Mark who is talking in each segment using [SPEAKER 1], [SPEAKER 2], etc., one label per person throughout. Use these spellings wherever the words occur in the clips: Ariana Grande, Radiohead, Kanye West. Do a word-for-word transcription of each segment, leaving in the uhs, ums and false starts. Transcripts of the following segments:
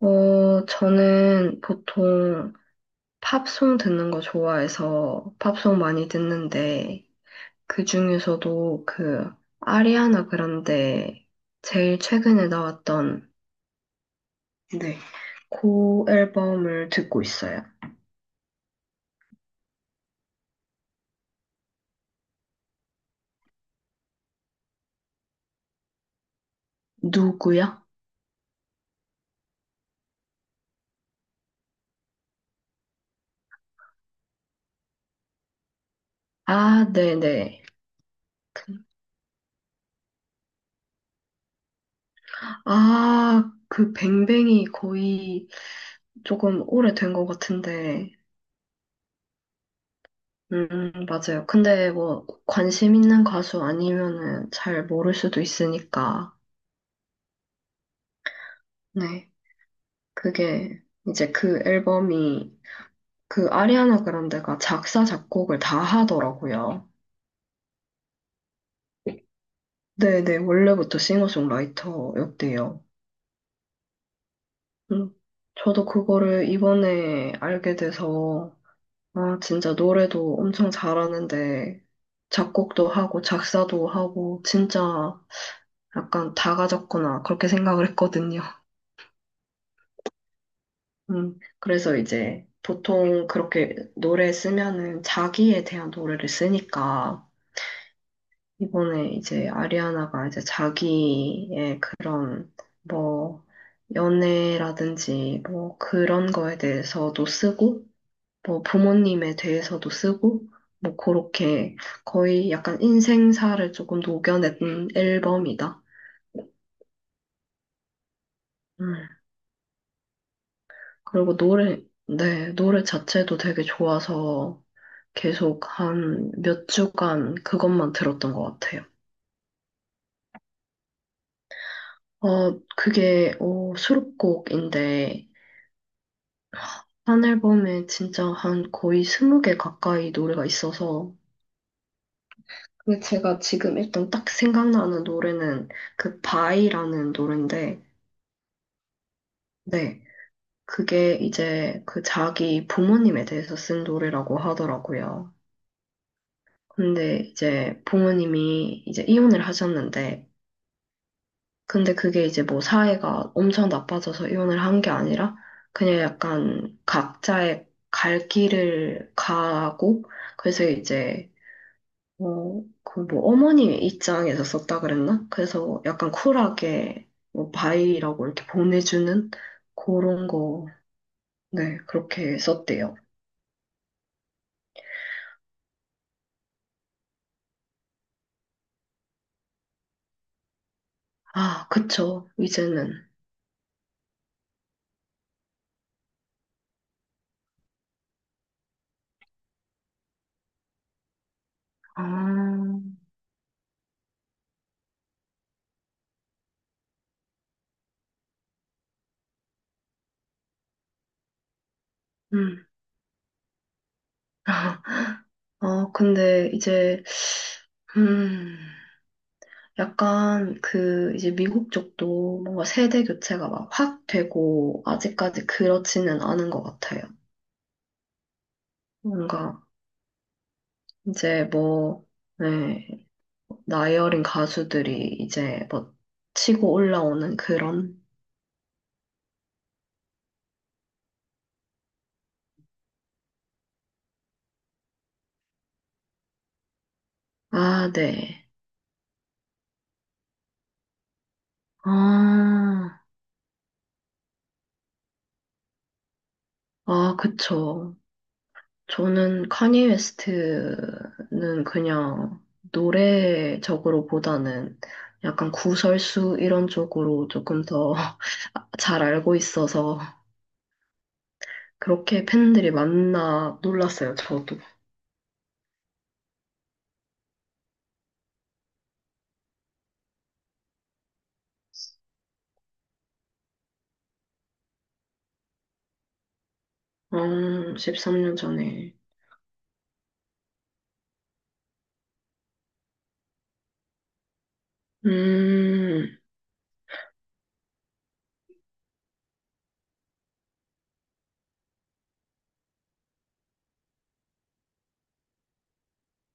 [SPEAKER 1] 어, 저는 보통 팝송 듣는 거 좋아해서 팝송 많이 듣는데, 그 중에서도 그, 아리아나 그란데 제일 최근에 나왔던, 네, 그 앨범을 듣고 있어요. 누구야? 아, 네네. 그- 아, 그 뱅뱅이 거의 조금 오래된 것 같은데, 음, 맞아요. 근데 뭐, 관심 있는 가수 아니면은 잘 모를 수도 있으니까, 네. 그게 이제 그 앨범이 그 아리아나 그란데가 작사, 작곡을 다 하더라고요. 네네. 원래부터 싱어송라이터였대요. 음, 저도 그거를 이번에 알게 돼서, 아, 진짜 노래도 엄청 잘하는데, 작곡도 하고, 작사도 하고, 진짜 약간 다 가졌구나. 그렇게 생각을 했거든요. 음, 그래서 이제 보통 그렇게 노래 쓰면은 자기에 대한 노래를 쓰니까, 이번에 이제 아리아나가 이제 자기의 그런 뭐 연애라든지 뭐 그런 거에 대해서도 쓰고 뭐 부모님에 대해서도 쓰고 뭐 그렇게 거의 약간 인생사를 조금 녹여낸 앨범이다. 음, 그리고 노래, 네, 노래 자체도 되게 좋아서 계속 한 몇 주간 그것만 들었던 것 같아요. 어, 그게, 어, 수록곡인데, 한 앨범에 진짜 한 거의 스무 개 가까이 노래가 있어서. 근데 제가 지금 일단 딱 생각나는 노래는 그 바이라는 노래인데, 네. 그게 이제 그 자기 부모님에 대해서 쓴 노래라고 하더라고요. 근데 이제 부모님이 이제 이혼을 하셨는데, 근데 그게 이제 뭐 사회가 엄청 나빠져서 이혼을 한 게 아니라, 그냥 약간 각자의 갈 길을 가고, 그래서 이제 어, 그 뭐 어머니 입장에서 썼다 그랬나? 그래서 약간 쿨하게 뭐 바이라고 이렇게 보내주는 그런 거, 네, 그렇게 썼대요. 아, 그쵸, 이제는. 아, 음. 아, 근데 이제, 음, 약간 그 이제 미국 쪽도 뭔가 세대 교체가 막 확 되고 아직까지 그렇지는 않은 것 같아요. 뭔가 이제 뭐, 네. 나이 어린 가수들이 이제 뭐 치고 올라오는 그런? 아, 네. 아, 아, 그쵸. 저는 카니 웨스트는 그냥 노래적으로 보다는 약간 구설수 이런 쪽으로 조금 더 잘 알고 있어서 그렇게 팬들이 많나 놀랐어요, 저도. 음, 십삼 년 전에. 음,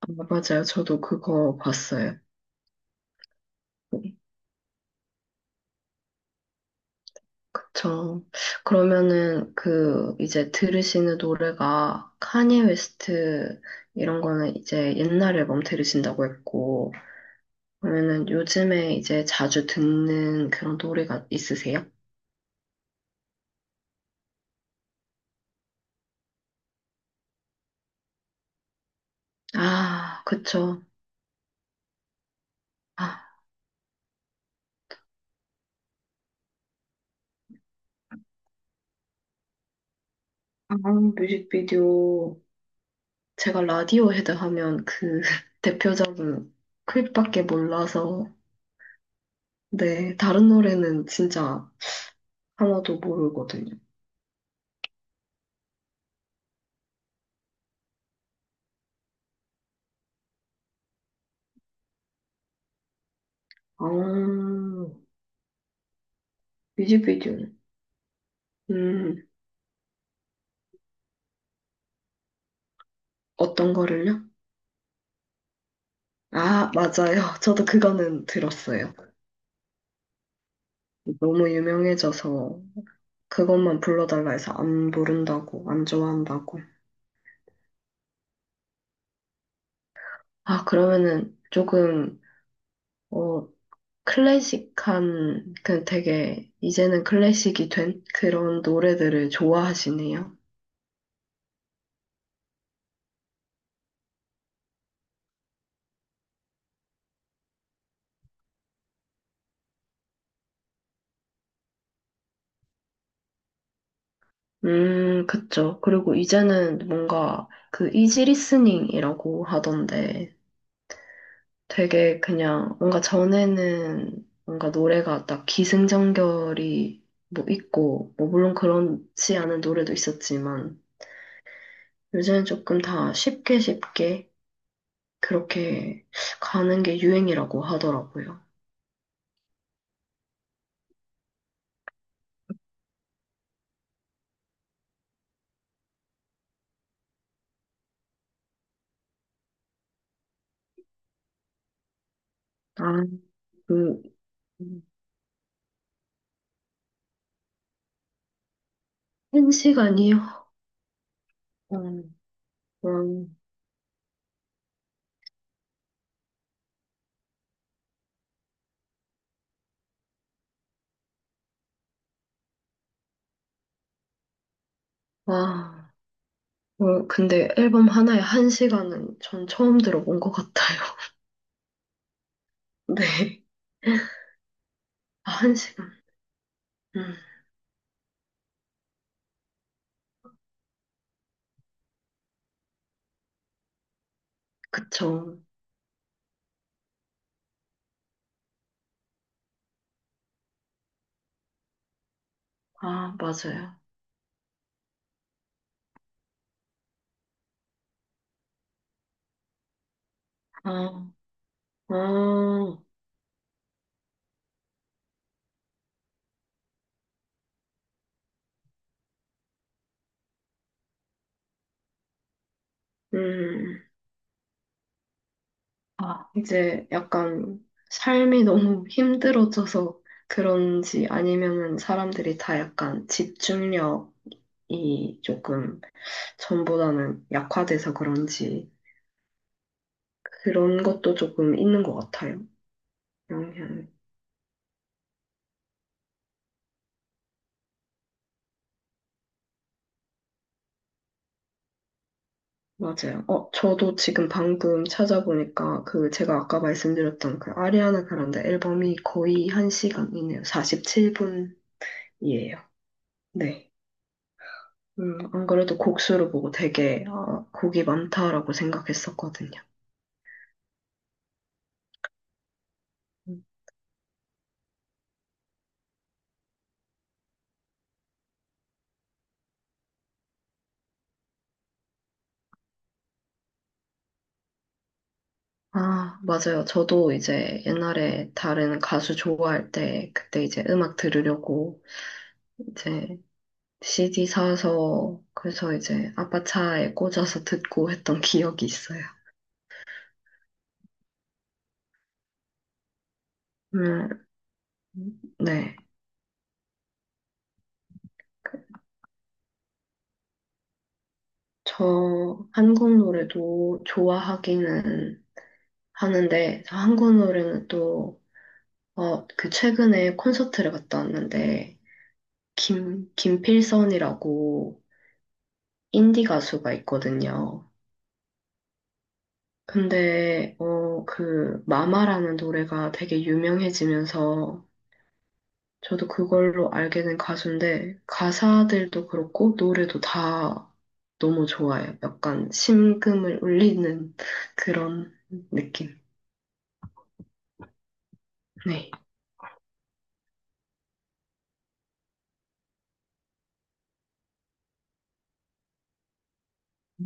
[SPEAKER 1] 아, 맞아요. 저도 그거 봤어요. 그쵸. 그러면은 그 이제 들으시는 노래가 카니 웨스트 이런 거는 이제 옛날 앨범 들으신다고 했고 그러면은 요즘에 이제 자주 듣는 그런 노래가 있으세요? 아, 그쵸. 아, 아, 뮤직비디오. 제가 라디오헤드 하면 그 대표적인 클립밖에 몰라서 네, 다른 노래는 진짜 하나도 모르거든요. 아, 뮤직비디오. 음. 어떤 거를요? 아, 맞아요. 저도 그거는 들었어요. 너무 유명해져서 그것만 불러달라 해서 안 부른다고, 안 좋아한다고. 아, 그러면은 조금, 어, 클래식한, 그 되게, 이제는 클래식이 된 그런 노래들을 좋아하시네요. 음, 그쵸. 그리고 이제는 뭔가 그 이지 리스닝이라고 하던데, 되게 그냥 뭔가 전에는 뭔가 노래가 딱 기승전결이 뭐 있고, 뭐 물론 그렇지 않은 노래도 있었지만, 요새는 조금 다 쉽게 쉽게 그렇게 가는 게 유행이라고 하더라고요. 아, 그, 한 시간이요? 음, 음, 와, 어, 근데 앨범 하나에 한 시간은 전 처음 들어본 것 같아요. 네. 아, 한 시간. 음, 그쵸. 아, 맞아요. 아, 아, 음, 아, 이제 약간 삶이 너무 힘들어져서 그런지 아니면은 사람들이 다 약간 집중력이 조금 전보다는 약화돼서 그런지 그런 것도 조금 있는 것 같아요. 영향. 맞아요. 어, 저도 지금 방금 찾아보니까 그 제가 아까 말씀드렸던 그 아리아나 그란데 앨범이 거의 한시간이네요. 사십칠 분이에요. 네. 음, 안 그래도 곡수를 보고 되게, 아, 곡이 많다라고 생각했었거든요. 음. 아, 맞아요. 저도 이제 옛날에 다른 가수 좋아할 때, 그때 이제 음악 들으려고 이제 씨디 사서, 그래서 이제 아빠 차에 꽂아서 듣고 했던 기억이 있어요. 음, 네. 그 저 한국 노래도 좋아하기는 하는데, 저 한국 노래는 또, 어, 그 최근에 콘서트를 갔다 왔는데, 김, 김필선이라고 인디 가수가 있거든요. 근데, 어, 그, 마마라는 노래가 되게 유명해지면서 저도 그걸로 알게 된 가수인데, 가사들도 그렇고, 노래도 다 너무 좋아요. 약간 심금을 울리는 그런 느낌. 네.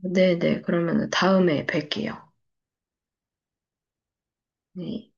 [SPEAKER 1] 네네. 그러면 다음에 뵐게요. 네.